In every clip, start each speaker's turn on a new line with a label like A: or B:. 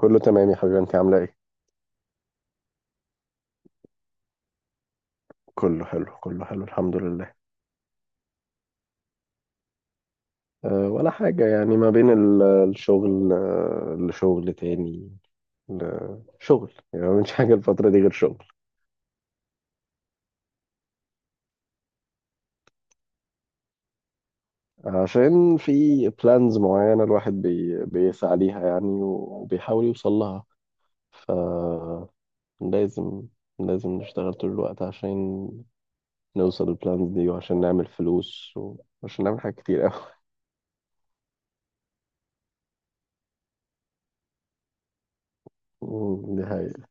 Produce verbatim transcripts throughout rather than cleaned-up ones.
A: كله تمام يا حبيبي انت عامله ايه؟ كله حلو، كله حلو، الحمد لله. أه ولا حاجه، يعني ما بين ال- الشغل، أه لشغل تاني، لشغل. يعني ما بنش حاجه الفتره دي غير شغل. عشان في بلانز معينه، الواحد بي بيسعى ليها يعني وبيحاول يوصل لها، فلازم. لازم نشتغل طول الوقت عشان نوصل البلانز دي، وعشان نعمل فلوس، وعشان نعمل حاجات كتير قوي. دي حقيقة.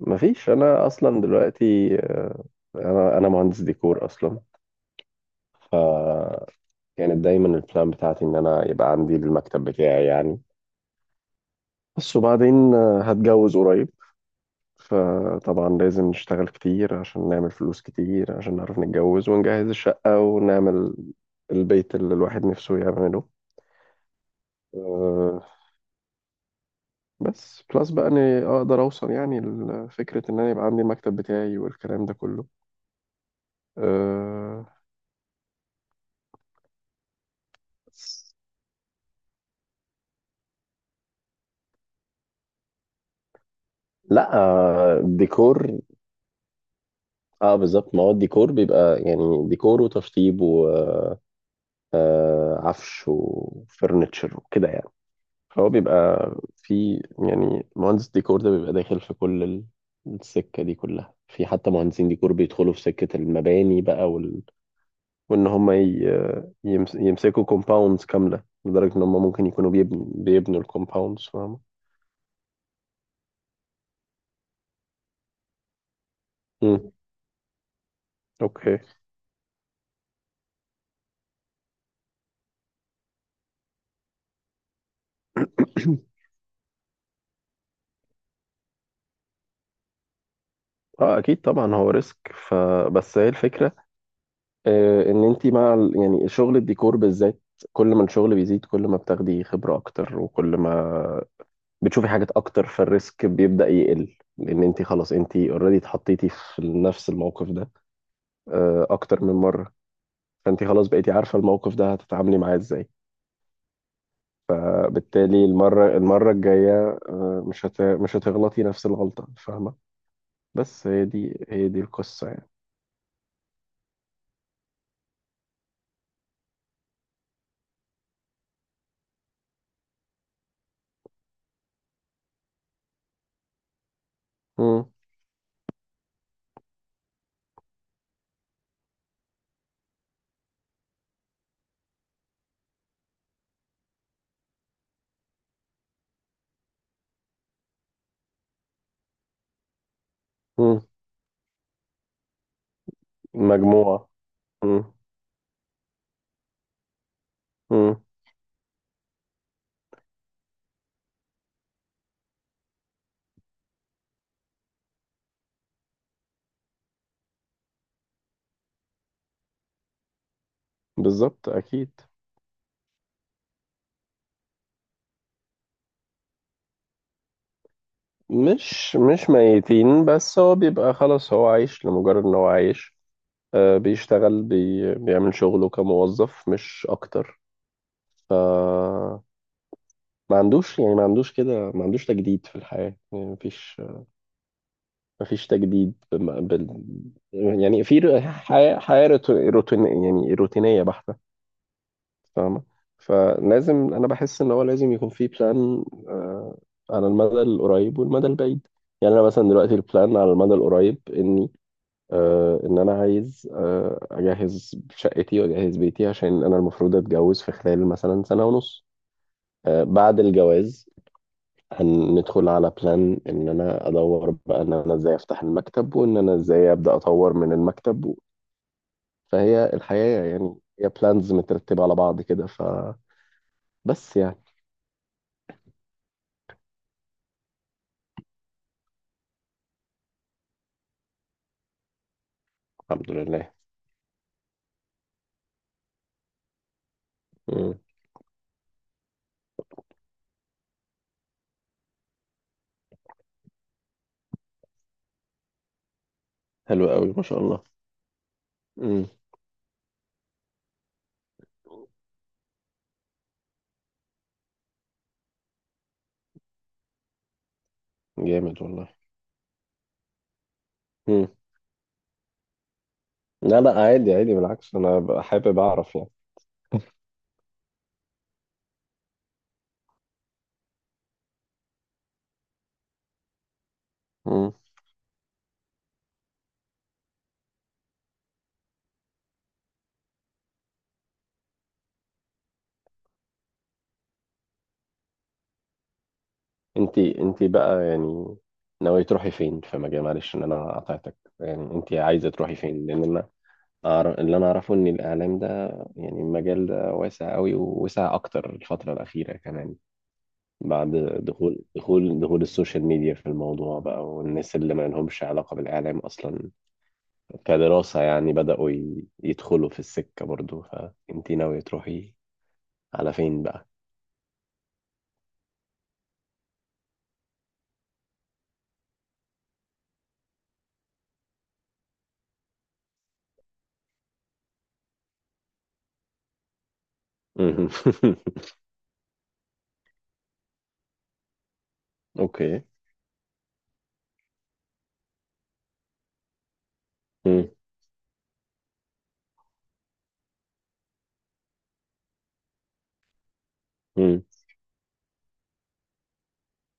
A: مفيش، انا اصلا دلوقتي انا انا مهندس ديكور اصلا. فكانت دايما البلان بتاعتي ان انا يبقى عندي المكتب بتاعي يعني، بس وبعدين آه، هتجوز قريب. فطبعا لازم نشتغل كتير عشان نعمل فلوس كتير، عشان نعرف نتجوز ونجهز الشقة ونعمل البيت اللي الواحد نفسه يعمله. آه، بس بلس بقى اني اقدر اوصل يعني لفكرة ان انا يبقى عندي المكتب بتاعي والكلام ده كله. آه، لا، آه، الديكور. اه بالظبط، ما هو الديكور بيبقى يعني ديكور وتشطيب وعفش وفرنتشر وكده يعني، فهو بيبقى في. يعني مهندس ديكور ده بيبقى داخل في كل ال- السكة دي كلها، في حتى مهندسين ديكور بيدخلوا في سكة المباني بقى وال... وإن هم ي- يمس... يمسكوا كومباوندز كاملة، لدرجة إن هم ممكن يكونوا بيبنوا بيبنوا الكومباوندز، فاهمة؟ مم. أوكي. اه اكيد طبعا، هو ريسك، فبس هي الفكره. آه، ان انت مع ال- يعني شغل الديكور بالذات، كل ما الشغل بيزيد كل ما بتاخدي خبرة اكتر، وكل ما بتشوفي حاجات اكتر، فالريسك بيبدأ يقل، لان انت خلاص انت اوريدي اتحطيتي في نفس الموقف ده آه، اكتر من مرة، فانت خلاص بقيتي عارفة الموقف ده هتتعاملي معاه ازاي، بالتالي المرة المرة الجاية مش هت... مش هتغلطي نفس الغلطة، فاهمة. بس هي دي هي دي القصة يعني. مم. مم. مجموعة. مم. مم. بالظبط، أكيد. مش مش ميتين، بس هو بيبقى خلاص، هو عايش لمجرد ان هو عايش. آه بيشتغل، بي بيعمل شغله كموظف مش اكتر. ما عندوش، يعني ما عندوش كده، ما عندوش تجديد في الحياة. يعني مفيش، مفيش تجديد بم- بال يعني في ر- حياة حياة روت- روتين، يعني روتينية بحتة، فاهمة. فلازم، انا بحس ان هو لازم يكون في بلان آه على المدى القريب والمدى البعيد. يعني انا مثلا دلوقتي البلان على المدى القريب اني آه، ان انا عايز آه، اجهز شقتي واجهز بيتي، عشان انا المفروض اتجوز في خلال مثلا سنة ونص. آه، بعد الجواز هندخل على بلان ان انا ادور بقى ان انا ازاي افتح المكتب، وان انا ازاي ابدا اطور من المكتب و-. فهي الحياة، يعني هي بلانز مترتبة على بعض كده، فبس يعني. الحمد لله. مم. حلو قوي، ما شاء الله. مم. جامد والله. مم. لا لا، عادي عادي، بالعكس انا ببقى حابب اعرف يعني. مم. انتي انتي بقى يعني ناوية تروحي فين في مجال؟ معلش ان انا قطعتك، يعني انتي عايزة تروحي فين؟ لان انا أعرف، اللي انا اعرفه ان الاعلام ده، يعني المجال ده واسع قوي، ووسع اكتر الفترة الاخيرة كمان بعد دخول دخول دخول السوشيال ميديا في الموضوع بقى، والناس اللي ما لهمش علاقة بالاعلام اصلا كدراسة يعني بدأوا ي- يدخلوا في السكة برضو. فانتي ناوية تروحي على فين بقى؟ اوكي. مم. مم.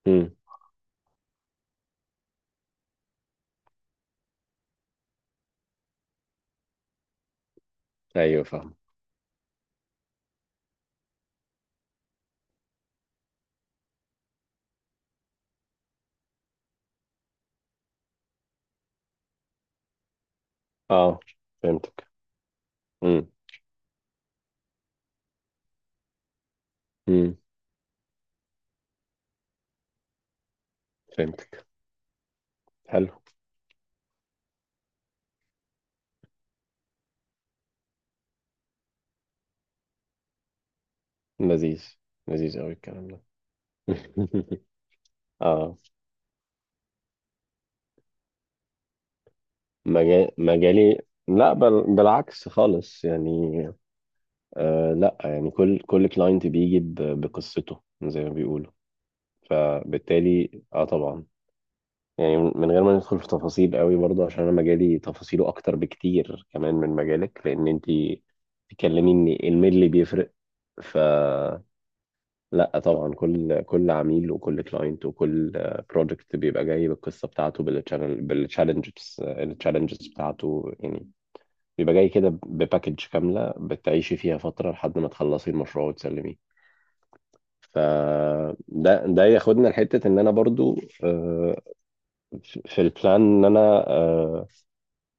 A: مم. ايوه فاهم. اه فهمتك. امم. امم. فهمتك. حلو. لذيذ، لذيذ قوي الكلام ده. اه، مجا... مجالي؟ لا، بل... بالعكس خالص يعني. آه لا، يعني كل كل كلاينت بيجي ب... بقصته، زي ما بيقولوا. فبالتالي اه طبعا، يعني من غير ما ندخل في تفاصيل قوي برضه، عشان انا مجالي تفاصيله اكتر بكتير كمان من مجالك، لان انت تكلميني الميل اللي بيفرق. ف، لا طبعا، كل كل عميل وكل كلاينت وكل بروجكت بيبقى جاي بالقصه بتاعته، بالتشالنج بالتشالنجز التشالنجز بتاعته يعني، بيبقى جاي كده بباكج كامله بتعيشي فيها فتره لحد ما تخلصي المشروع وتسلميه. فده ده ده ياخدنا لحته ان انا برضو آه، في البلان ان انا آه،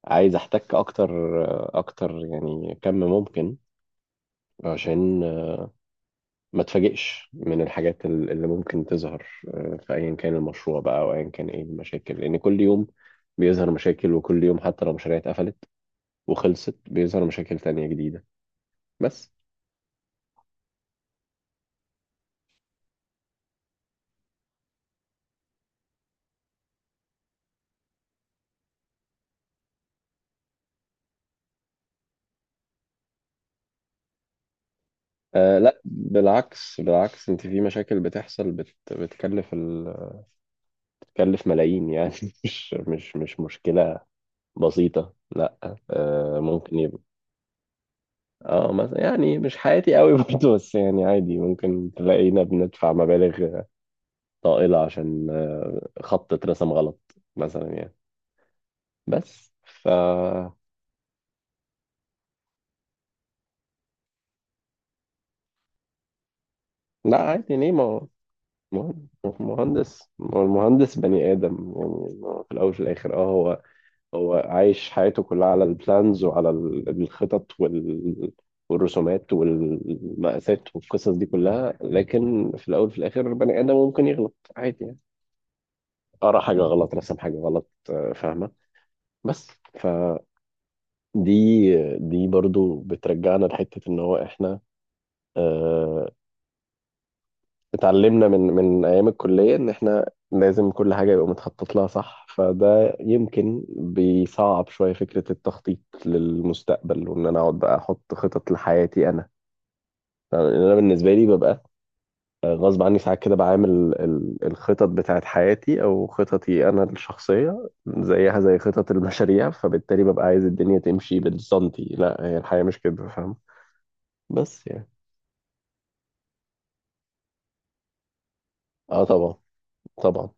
A: عايز احتك اكتر، آه، اكتر يعني كم ممكن، عشان ما تفاجئش من الحاجات ال- اللي ممكن تظهر آه، في ايا كان المشروع بقى، او ايا كان ايه المشاكل. لان كل يوم بيظهر مشاكل، وكل يوم حتى لو مشاريع اتقفلت وخلصت بيظهر مشاكل تانية جديدة. بس، آه لا بالعكس، بالعكس، انت في مشاكل بتحصل بت بتكلف ال... بتكلف ملايين يعني. مش مش مش مشكلة بسيطة، لا. آه ممكن يبقى اه مثلا، يعني مش حياتي قوي برضه، بس يعني عادي ممكن تلاقينا بندفع مبالغ طائلة عشان آه، خط اترسم غلط مثلا يعني. بس ف، لا عادي، ليه؟ ما هو مهن- مهندس، ما هو المهندس بني آدم يعني، ما هو في الأول وفي الآخر اه هو، هو عايش حياته كلها على البلانز، وعلى ال- الخطط وال، والرسومات والمقاسات والقصص دي كلها. لكن في الأول وفي الآخر بني آدم ممكن يغلط عادي يعني، قرا حاجة غلط، رسم حاجة غلط، آه، فاهمة. بس ف، دي دي برضو بترجعنا لحتة ان هو احنا آه، اتعلمنا من من ايام الكلية ان احنا لازم كل حاجة يبقى متخطط لها صح، فده يمكن بيصعب شوية فكرة التخطيط للمستقبل، وان انا اقعد بقى احط خطط لحياتي انا. يعني انا بالنسبة لي ببقى آه، غصب عني ساعات كده بعامل ال- الخطط بتاعت حياتي او خططي انا الشخصية زيها زي خطط المشاريع، فبالتالي ببقى عايز الدنيا تمشي بالسنتي، لا هي الحياة مش كده، فاهم. بس يعني، اه طبعا. طبعا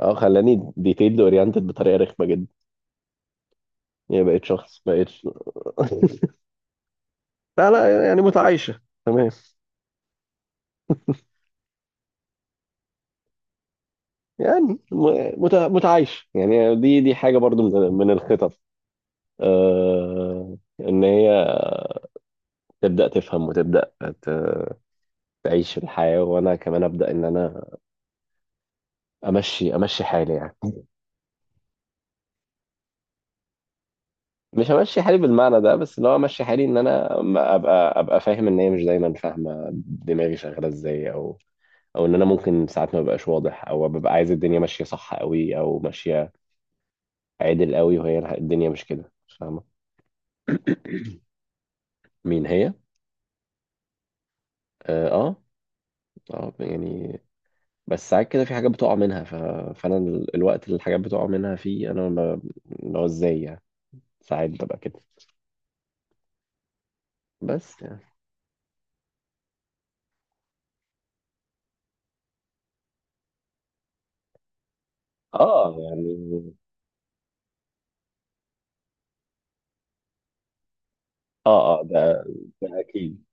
A: اه، خلاني ديتيلد اورينتد بطريقه رخمه جدا. يعني بقيت شخص، بقيت لا لا، يعني متعايشه تمام يعني. م- مت... متعايشه يعني. دي دي حاجه برضو من من الخطط، آه... ان هي تبدا تفهم وتبدا ت... تعيش الحياه، وانا كمان ابدا ان انا امشي امشي حالي يعني، مش همشي حالي بالمعنى ده، بس اللي هو امشي حالي ان انا أما ابقى ابقى فاهم ان هي مش دايما فاهمه دماغي شغاله ازاي، او او ان انا ممكن ساعات ما ببقاش واضح، او ببقى عايز الدنيا ماشيه صح قوي او ماشيه عادل قوي، وهي الدنيا مش كده، فاهمه. مين هي؟ اه اه. آه، يعني، بس ساعات كده في حاجات بتقع منها ف... فانا ال- الوقت اللي الحاجات بتقع منها فيه انا ما- اللي هو ازاي يعني، ساعات ببقى كده. بس يعني. اه، يعني. اه اه، ده ده اكيد.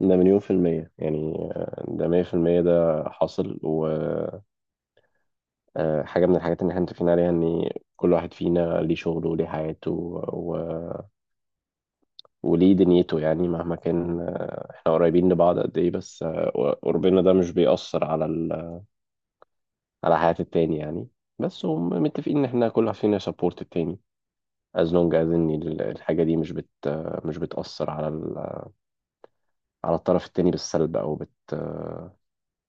A: ده مليون في المية يعني، آه، ده مية في المية، ده حاصل. و آه، حاجة من الحاجات اللي احنا متفقين عليها ان كل واحد فينا ليه شغله وليه حياته و...، وليه دنيته. يعني مهما كان آه، احنا قريبين لبعض قد ايه، بس آه، قربنا ده مش بيأثر على ال... على حياة التاني يعني. بس هم متفقين ان احنا كل واحد فينا سبورت التاني، as long as ان ال- الحاجة دي مش بت... آه، مش بتأثر على ال... على الطرف التاني بالسلب، او بت...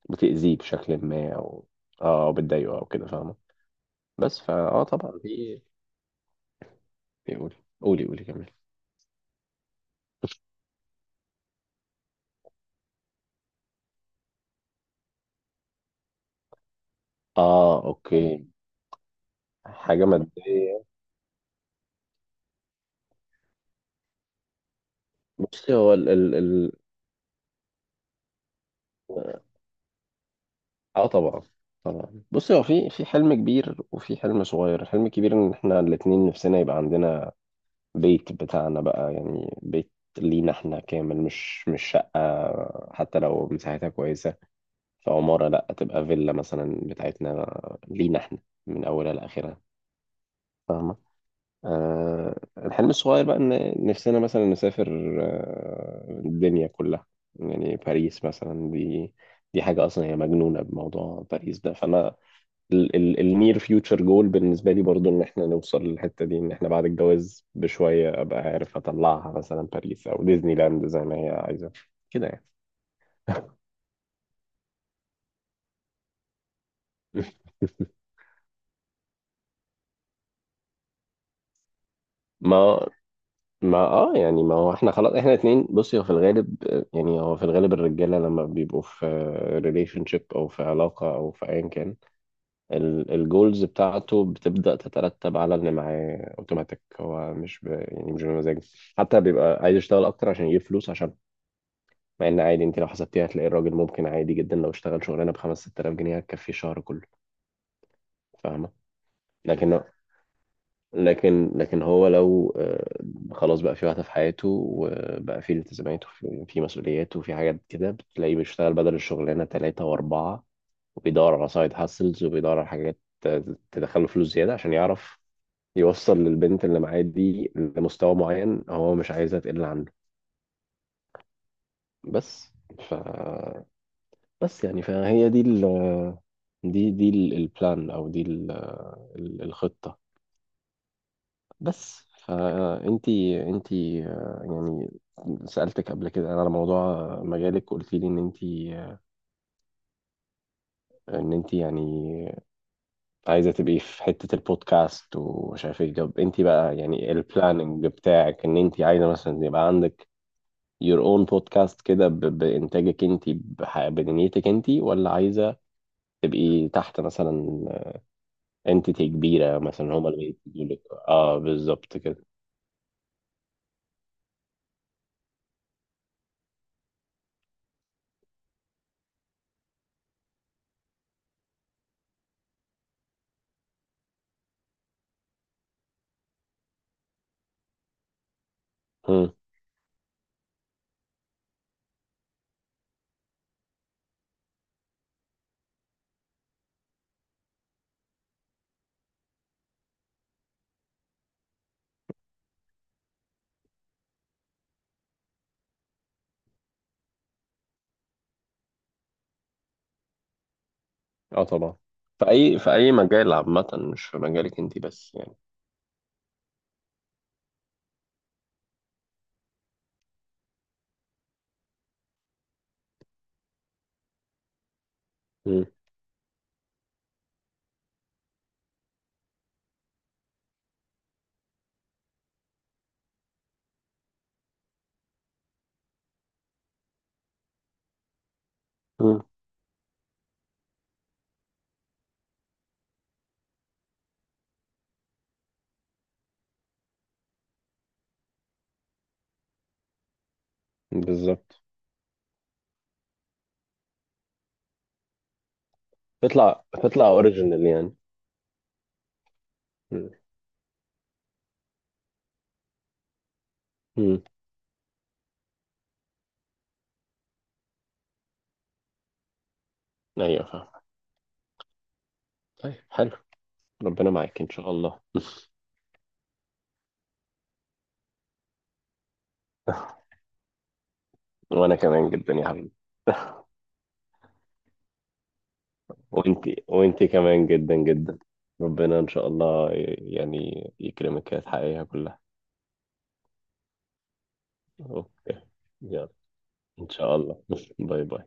A: بتأذيه بشكل ما، او. اه، أو بتضايقه او كده، فاهمة. بس فا، اه طبعا دي. قولي، قولي، قولي كمان. اه اوكي. حاجة مادية. بصي هو ال ال ال. اه طبعا. طبعا، بصي هو في في حلم كبير وفي حلم صغير. الحلم الكبير ان احنا الاتنين نفسنا يبقى عندنا بيت بتاعنا بقى، يعني بيت لينا احنا كامل، مش مش شقة، حتى لو مساحتها كويسة، في عمارة، لا تبقى فيلا مثلا بتاعتنا، لينا احنا، من اولها لاخرها. آه الحلم الصغير بقى ان نفسنا مثلا نسافر آه الدنيا كلها، يعني باريس مثلا دي، دي حاجة أصلا هي مجنونة بموضوع باريس ده، فأنا النير فيوتشر جول بالنسبة لي برضو إن إحنا نوصل للحتة دي، إن إحنا بعد الجواز بشوية أبقى عارف أطلعها مثلا باريس أو ديزني لاند زي ما هي عايزة كده يعني. ما ما اه، يعني ما هو احنا خلاص احنا اتنين. بصي هو في الغالب، يعني هو في الغالب الرجاله لما بيبقوا في ريليشن شيب، او في علاقه، او في ايا كان، الجولز بتاعته بتبدا تترتب على اللي معاه اوتوماتيك، هو مش ب... يعني مش بمزاجه حتى، بيبقى عايز يشتغل اكتر عشان يجيب فلوس، عشان مع ان عادي انت لو حسبتيها هتلاقي الراجل ممكن عادي جدا لو اشتغل شغلانه ب خمسة ستة آلاف جنيه هتكفيه شهر كله، فاهمه. لكن لكن لكن هو لو آه، خلاص بقى في واحدة في حياته، وبقى في التزامات وفي في مسؤوليات وفي حاجات كده، بتلاقيه بيشتغل بدل الشغلانة ثلاثة وأربعة، وبيدور على سايد هاسلز، وبيدور على حاجات ت- تدخله فلوس زيادة عشان يعرف يوصل للبنت اللي معاه دي لمستوى معين هو مش عايزها تقل عنه. بس ف، بس يعني فهي دي ال... دي دي ال- البلان، أو دي ال... ال- الخطة. بس فانتي انتي آه، يعني سألتك قبل كده على موضوع مجالك، قلت لي ان انتي، ان انتي يعني عايزة تبقي في حتة البودكاست ومش عارف ايه. طب انتي بقى يعني البلاننج بتاعك ان انتي عايزة مثلا يبقى عندك your own podcast كده ب- بإنتاجك انتي بح- بدنيتك انتي، ولا عايزة تبقي تحت مثلا انتيتي كبيرة مثلا، هما اللي بيدولك؟ اه بالظبط كده. اه طبعا، في اي في اي مجال عامه، مش في مجالك انت بس يعني. مم. مم. بالظبط، تطلع تطلع اوريجينال يعني. مم. مم. ايوه فاهم. طيب حلو، ربنا معاك ان شاء الله. وانا كمان جدا يا حبيبي. وانت وانت كمان جدا جدا، ربنا ان شاء الله ي- يعني يكرمك وتحققيها كلها. اوكي. يلا. ان شاء الله. باي باي.